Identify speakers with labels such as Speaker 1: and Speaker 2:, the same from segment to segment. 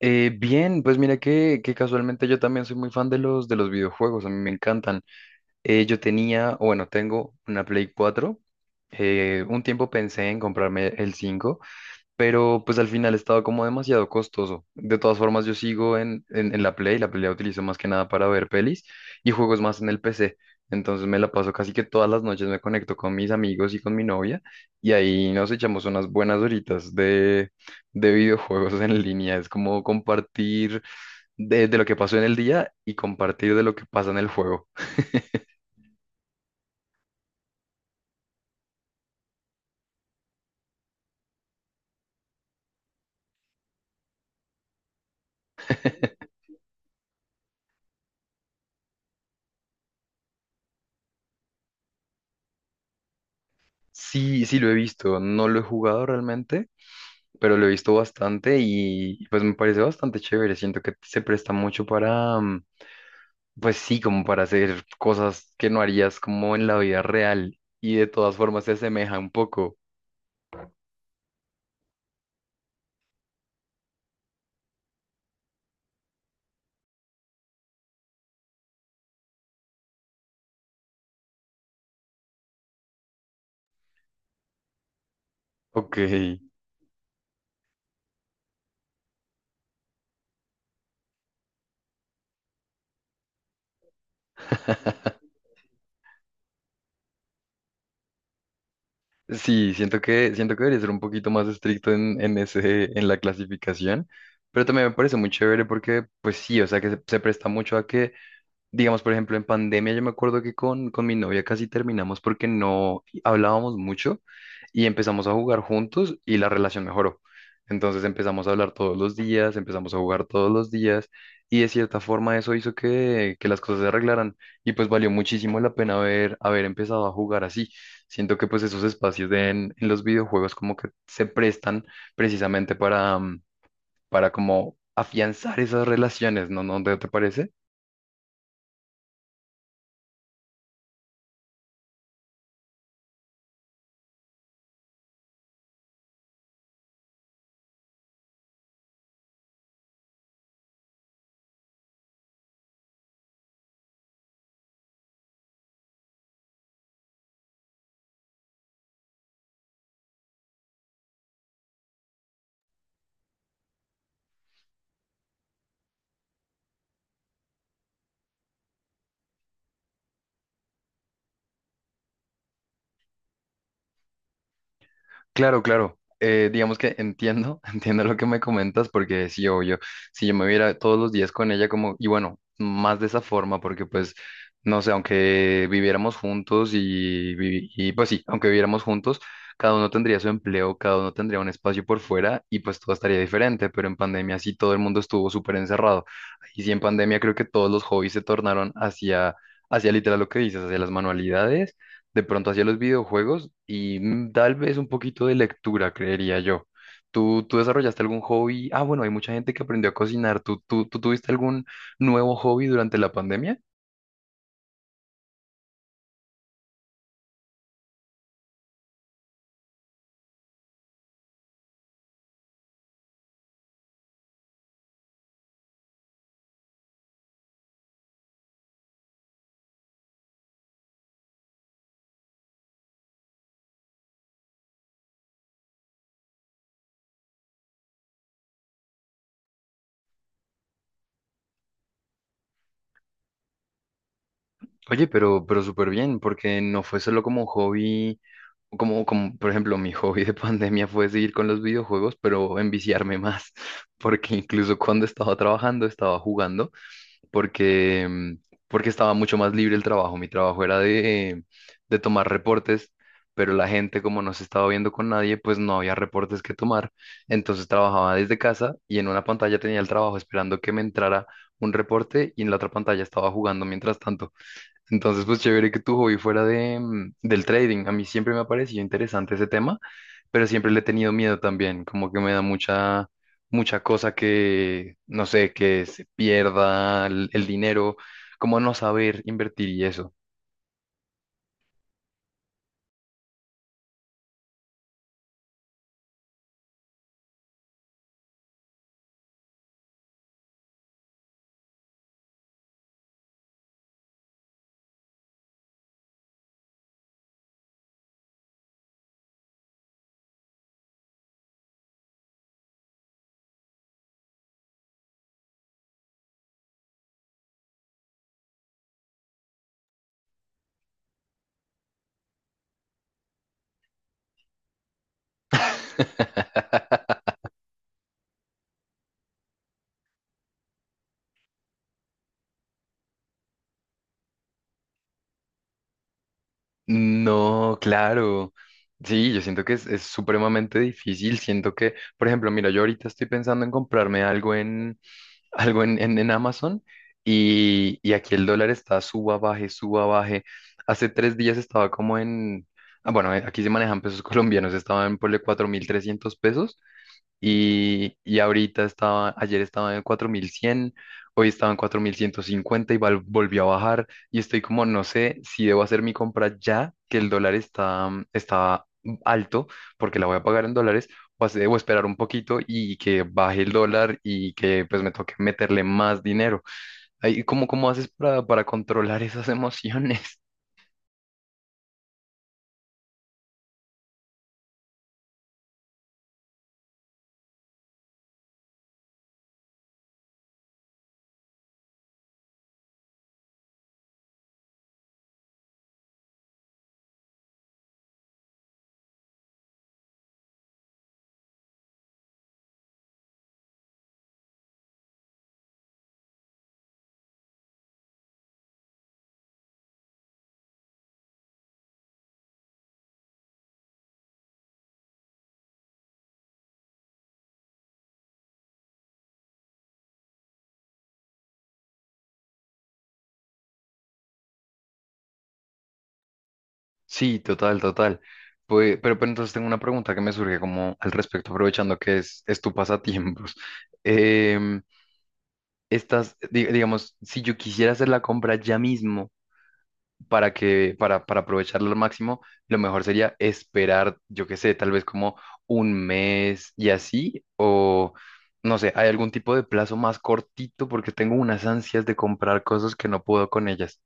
Speaker 1: Bien, pues mira que casualmente yo también soy muy fan de los videojuegos, a mí me encantan. Yo tenía, o bueno, tengo una Play cuatro, un tiempo pensé en comprarme el cinco, pero pues al final estaba como demasiado costoso. De todas formas, yo sigo en la Play. La Play la utilizo más que nada para ver pelis y juegos más en el PC. Entonces me la paso casi que todas las noches, me conecto con mis amigos y con mi novia, y ahí nos echamos unas buenas horitas de, videojuegos en línea. Es como compartir de lo que pasó en el día y compartir de lo que pasa en el juego. Sí, sí lo he visto, no lo he jugado realmente, pero lo he visto bastante y pues me parece bastante chévere. Siento que se presta mucho para, pues sí, como para hacer cosas que no harías como en la vida real, y de todas formas se asemeja un poco. Ok. Sí, siento que debería ser un poquito más estricto en, ese, en la clasificación, pero también me parece muy chévere porque, pues sí, o sea, que se, presta mucho a que... Digamos, por ejemplo, en pandemia yo me acuerdo que con mi novia casi terminamos porque no hablábamos mucho y empezamos a jugar juntos, y la relación mejoró. Entonces empezamos a hablar todos los días, empezamos a jugar todos los días, y de cierta forma eso hizo que las cosas se arreglaran, y pues valió muchísimo la pena haber, empezado a jugar así. Siento que pues esos espacios de en los videojuegos como que se prestan precisamente para, para como afianzar esas relaciones, ¿no? ¿No te parece? Claro, claro. Digamos que entiendo, entiendo lo que me comentas, porque sí, obvio, si yo me viera todos los días con ella como, y bueno, más de esa forma, porque pues, no sé, aunque viviéramos juntos y, y pues sí, aunque viviéramos juntos, cada uno tendría su empleo, cada uno tendría un espacio por fuera y pues todo estaría diferente, pero en pandemia sí todo el mundo estuvo súper encerrado. Y sí, en pandemia creo que todos los hobbies se tornaron hacia, literal lo que dices, hacia las manualidades, de pronto hacia los videojuegos y, tal vez un poquito de lectura, creería yo. ¿Tú desarrollaste algún hobby? Ah, bueno, hay mucha gente que aprendió a cocinar. ¿Tú tuviste algún nuevo hobby durante la pandemia? Oye, pero súper bien, porque no fue solo como un hobby, como, como, por ejemplo, mi hobby de pandemia fue seguir con los videojuegos, pero enviciarme más, porque incluso cuando estaba trabajando, estaba jugando. Porque, porque estaba mucho más libre el trabajo. Mi trabajo era de, tomar reportes, pero la gente, como no se estaba viendo con nadie, pues no había reportes que tomar. Entonces trabajaba desde casa y en una pantalla tenía el trabajo esperando que me entrara un reporte, y en la otra pantalla estaba jugando mientras tanto. Entonces, pues chévere que tu hobby fuera del trading. A mí siempre me ha parecido interesante ese tema, pero siempre le he tenido miedo también, como que me da mucha, cosa que, no sé, que se pierda el dinero, como no saber invertir y eso. No, claro. Sí, yo siento que es, supremamente difícil. Siento que, por ejemplo, mira, yo ahorita estoy pensando en comprarme algo en Amazon, y aquí el dólar está suba, baje, suba, baje. Hace 3 días estaba como bueno, aquí se manejan pesos colombianos, estaban por 4.300 pesos, y ahorita estaba, ayer estaba en 4.100, hoy estaba en 4.150 y volvió a bajar. Y estoy como, no sé si debo hacer mi compra ya, que el dólar está, está alto, porque la voy a pagar en dólares, o, debo esperar un poquito y que baje el dólar y que pues me toque meterle más dinero. Ahí ¿cómo, cómo haces para controlar esas emociones? Sí, total, total. Pues, pero entonces tengo una pregunta que me surge como al respecto, aprovechando que es tu pasatiempos. Em, estas, digamos, si yo quisiera hacer la compra ya mismo, para aprovecharla al máximo, lo mejor sería esperar, yo qué sé, tal vez como un mes y así, o no sé, ¿hay algún tipo de plazo más cortito? Porque tengo unas ansias de comprar cosas que no puedo con ellas.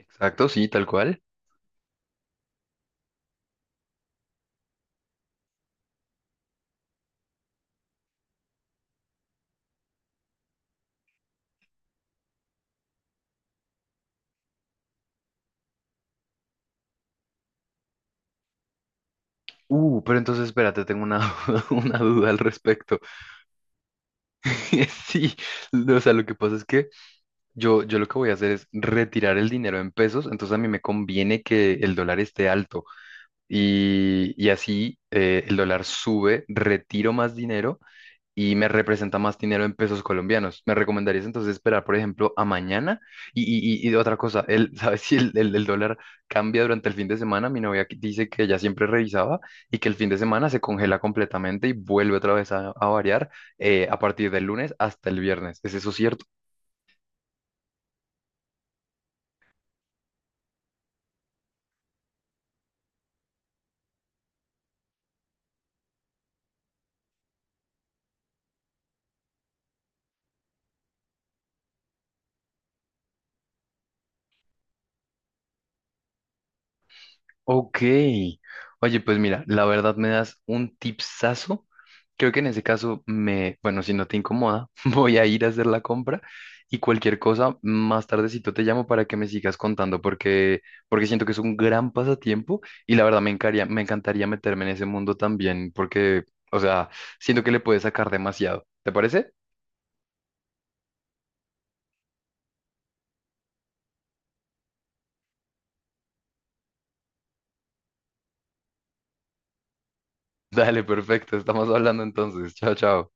Speaker 1: Exacto, sí, tal cual. Pero entonces espérate, tengo una, una duda al respecto. Sí, no, o sea, lo que pasa es que yo lo que voy a hacer es retirar el dinero en pesos, entonces a mí me conviene que el dólar esté alto, y así, el dólar sube, retiro más dinero y me representa más dinero en pesos colombianos. ¿Me recomendarías entonces esperar, por ejemplo, a mañana? Y otra cosa, ¿sabes si el dólar cambia durante el fin de semana? Mi novia que- dice que ella siempre revisaba y que el fin de semana se congela completamente y vuelve otra vez a variar, a partir del lunes hasta el viernes. ¿Es eso cierto? Ok. Oye, pues mira, la verdad me das un tipsazo. Creo que en ese caso me, bueno, si no te incomoda, voy a ir a hacer la compra y cualquier cosa, más tardecito te llamo, para que me sigas contando porque, porque siento que es un gran pasatiempo, y la verdad me encantaría meterme en ese mundo también porque, o sea, siento que le puedes sacar demasiado. ¿Te parece? Dale, perfecto. Estamos hablando entonces. Chao, chao.